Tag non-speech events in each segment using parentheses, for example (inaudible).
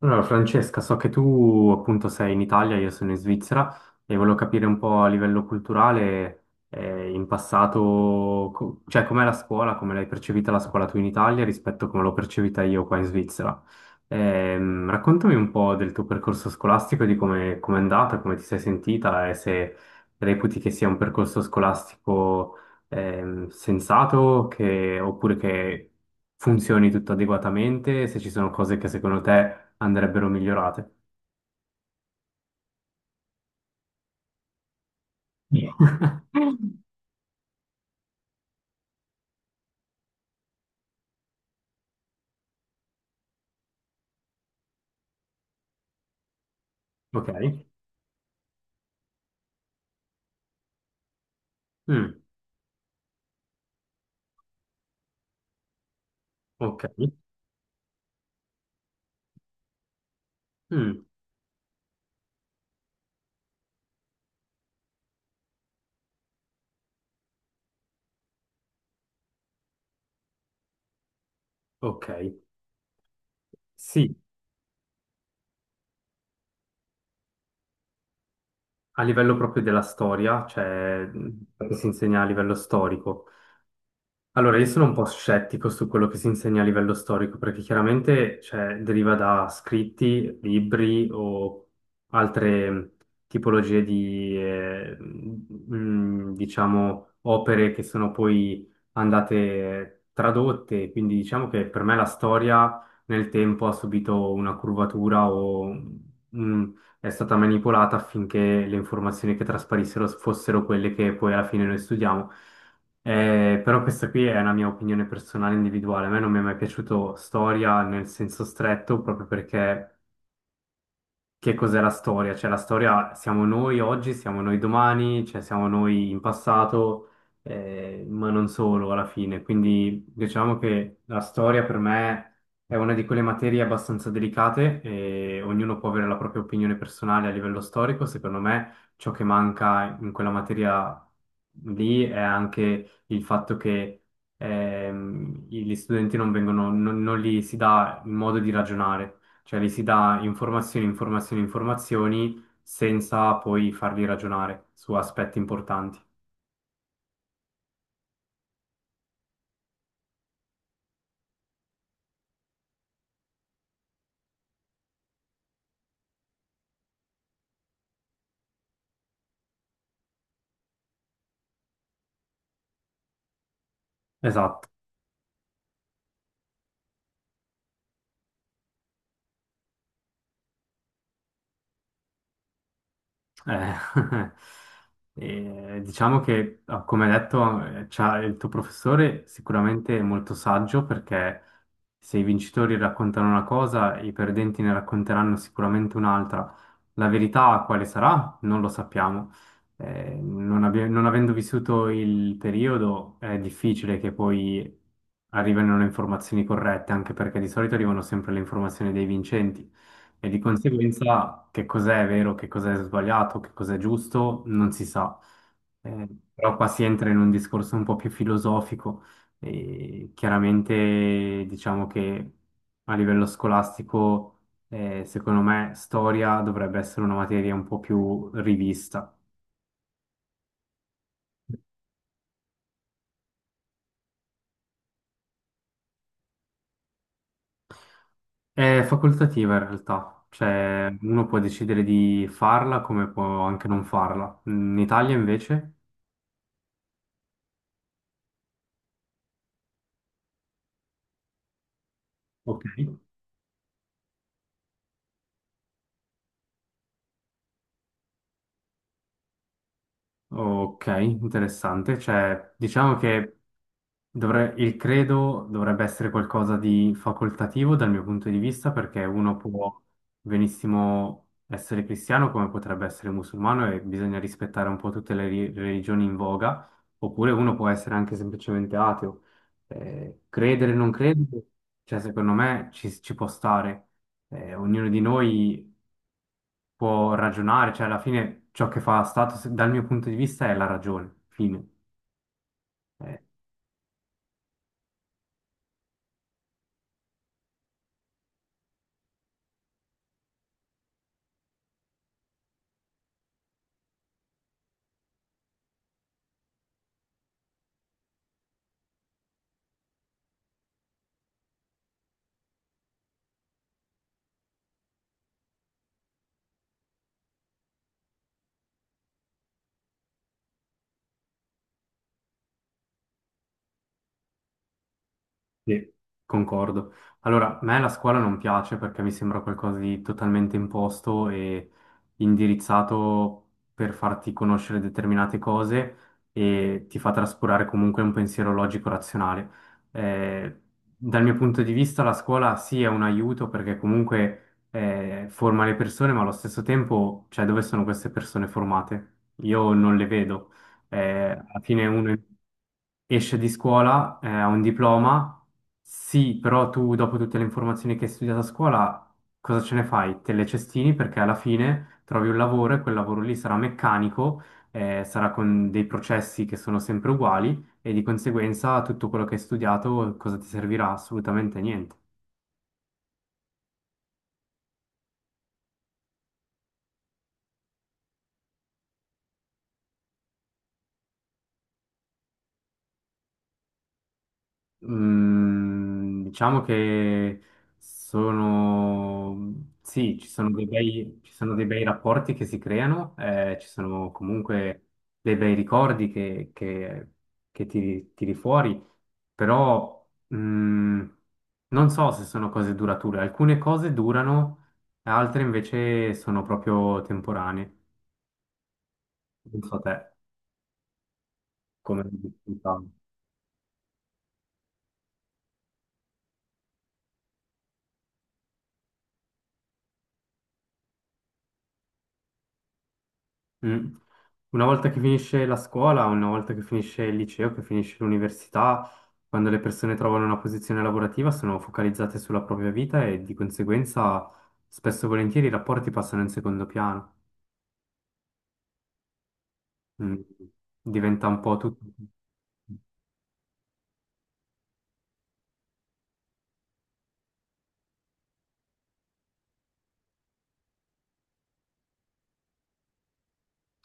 Allora, Francesca, so che tu appunto sei in Italia, io sono in Svizzera e volevo capire un po' a livello culturale, in passato, cioè com'è la scuola, come l'hai percepita la scuola tu in Italia rispetto a come l'ho percepita io qua in Svizzera. Raccontami un po' del tuo percorso scolastico, di come è andata, come ti sei sentita e se reputi che sia un percorso scolastico sensato oppure che funzioni tutto adeguatamente, se ci sono cose che secondo te andrebbero migliorate. (laughs) Ok. Mm, ok. Mm, ok. Sì, a livello proprio della storia, cioè che si insegna a livello storico. Allora, io sono un po' scettico su quello che si insegna a livello storico, perché chiaramente, cioè, deriva da scritti, libri o altre tipologie di, diciamo, opere che sono poi andate tradotte. Quindi diciamo che per me la storia nel tempo ha subito una curvatura o mm, è stata manipolata affinché le informazioni che trasparissero fossero quelle che poi alla fine noi studiamo. Però questa qui è una mia opinione personale individuale. A me non mi è mai piaciuto storia nel senso stretto, proprio perché che cos'è la storia? Cioè, la storia siamo noi oggi, siamo noi domani, cioè siamo noi in passato, ma non solo alla fine. Quindi diciamo che la storia per me è una di quelle materie abbastanza delicate e ognuno può avere la propria opinione personale a livello storico. Secondo me ciò che manca in quella materia lì è anche il fatto che gli studenti non vengono, non gli si dà il modo di ragionare. Cioè gli si dà informazioni, informazioni, informazioni senza poi farli ragionare su aspetti importanti. Esatto. Eh, (laughs) diciamo che, ah, come detto, il tuo professore sicuramente è molto saggio perché se i vincitori raccontano una cosa, i perdenti ne racconteranno sicuramente un'altra. La verità quale sarà? Non lo sappiamo. Non, non avendo vissuto il periodo, è difficile che poi arrivino le informazioni corrette, anche perché di solito arrivano sempre le informazioni dei vincenti. E di conseguenza che cos'è vero, che cos'è sbagliato, che cos'è giusto, non si sa. Però qua si entra in un discorso un po' più filosofico. E chiaramente diciamo che a livello scolastico, secondo me, storia dovrebbe essere una materia un po' più rivista. È facoltativa in realtà, cioè uno può decidere di farla come può anche non farla. In Italia invece, ok. Ok, interessante. Cioè, diciamo che il credo dovrebbe essere qualcosa di facoltativo dal mio punto di vista, perché uno può benissimo essere cristiano come potrebbe essere musulmano e bisogna rispettare un po' tutte le religioni in voga, oppure uno può essere anche semplicemente ateo. Credere o non credere, cioè, secondo me ci può stare. Ognuno di noi può ragionare, cioè alla fine ciò che fa Status dal mio punto di vista è la ragione, fine. Eh, Sì, concordo. Allora, a me la scuola non piace perché mi sembra qualcosa di totalmente imposto e indirizzato per farti conoscere determinate cose e ti fa trascurare comunque un pensiero logico-razionale. Eh, dal mio punto di vista, la scuola sì è un aiuto perché comunque forma le persone, ma allo stesso tempo, cioè, dove sono queste persone formate? Io non le vedo. Eh, alla fine uno esce di scuola, ha un diploma, sì, però tu dopo tutte le informazioni che hai studiato a scuola, cosa ce ne fai? Te le cestini perché alla fine trovi un lavoro e quel lavoro lì sarà meccanico, sarà con dei processi che sono sempre uguali e di conseguenza tutto quello che hai studiato cosa ti servirà? Assolutamente niente. Mm, diciamo che sono, sì, ci sono dei bei rapporti che si creano, ci sono comunque dei bei ricordi che tiri fuori, però mm, non so se sono cose durature. Alcune cose durano, altre invece sono proprio temporanee. Non so te come... lo pensavi. Mm. Una volta che finisce la scuola, una volta che finisce il liceo, che finisce l'università, quando le persone trovano una posizione lavorativa sono focalizzate sulla propria vita e di conseguenza spesso e volentieri i rapporti passano in secondo piano. Mm. Diventa un po' tutto.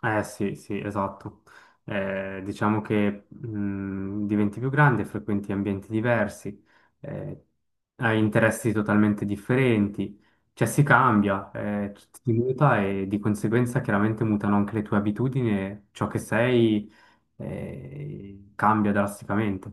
Eh sì, sì, esatto. Diciamo che diventi più grande, frequenti ambienti diversi, eh, hai interessi totalmente differenti, cioè si cambia, tutto si muta e di conseguenza chiaramente mutano anche le tue abitudini e ciò che sei cambia drasticamente.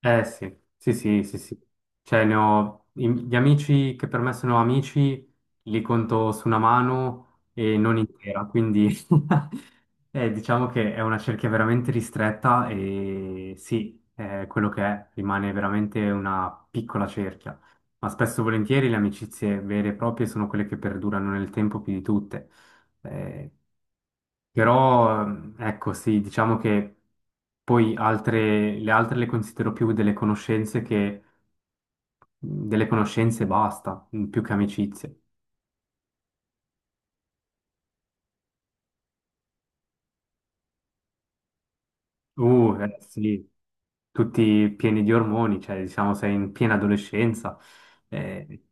Eh sì, sì, sì, sì, sì. Cioè, gli amici che per me sono amici li conto su una mano e non intera, quindi (laughs) diciamo che è una cerchia veramente ristretta e sì, è quello che è, rimane veramente una piccola cerchia. Ma spesso e volentieri le amicizie vere e proprie sono quelle che perdurano nel tempo più di tutte. Eh, però, ecco, sì, diciamo che poi altre le considero più delle conoscenze che delle conoscenze e basta, mm, più che amicizie. Sì, tutti pieni di ormoni, cioè diciamo sei in piena adolescenza. Eh,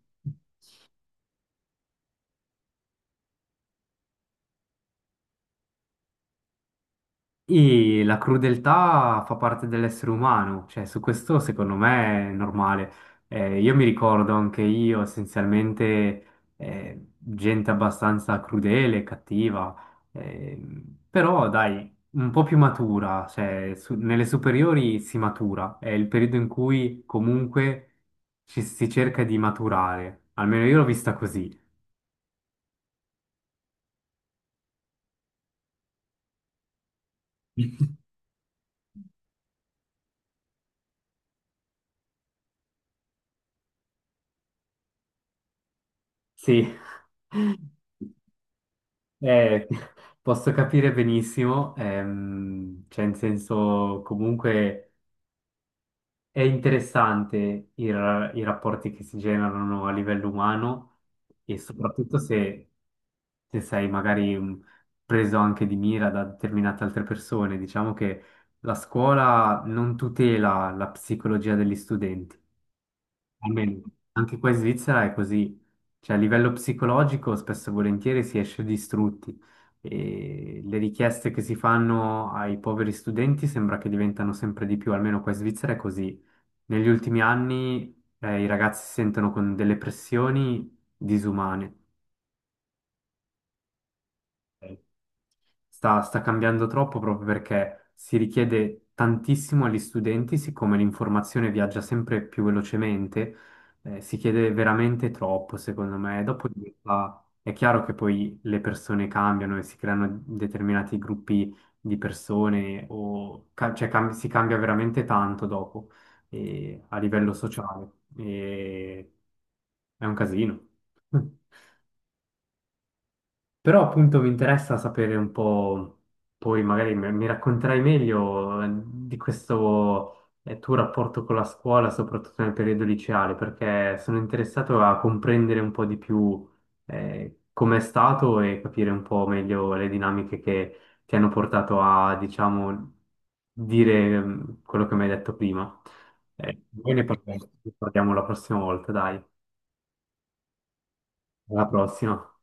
e la crudeltà fa parte dell'essere umano, cioè su questo secondo me è normale. Io mi ricordo anche io essenzialmente gente abbastanza crudele, cattiva, però dai, un po' più matura, cioè nelle superiori si matura, è il periodo in cui comunque ci si cerca di maturare, almeno io l'ho vista così. (laughs) Sì. (laughs) Eh, (laughs) posso capire benissimo, cioè in senso comunque è interessante i rapporti che si generano a livello umano e soprattutto se, se sei magari preso anche di mira da determinate altre persone. Diciamo che la scuola non tutela la psicologia degli studenti. Almeno anche qua in Svizzera è così, cioè a livello psicologico spesso e volentieri si esce distrutti e le richieste che si fanno ai poveri studenti sembra che diventano sempre di più, almeno qua in Svizzera è così. Negli ultimi anni i ragazzi si sentono con delle pressioni disumane. Sta cambiando troppo proprio perché si richiede tantissimo agli studenti, siccome l'informazione viaggia sempre più velocemente, si chiede veramente troppo, secondo me. È chiaro che poi le persone cambiano e si creano determinati gruppi di persone, cioè, si cambia veramente tanto dopo, a livello sociale. E è un casino. (laughs) Però appunto mi interessa sapere un po', poi magari mi racconterai meglio di questo tuo rapporto con la scuola, soprattutto nel periodo liceale, perché sono interessato a comprendere un po' di più com'è stato e capire un po' meglio le dinamiche che ti hanno portato a, diciamo, dire mm, quello che mi hai detto prima. Poi ne parliamo la prossima volta, dai. Alla prossima.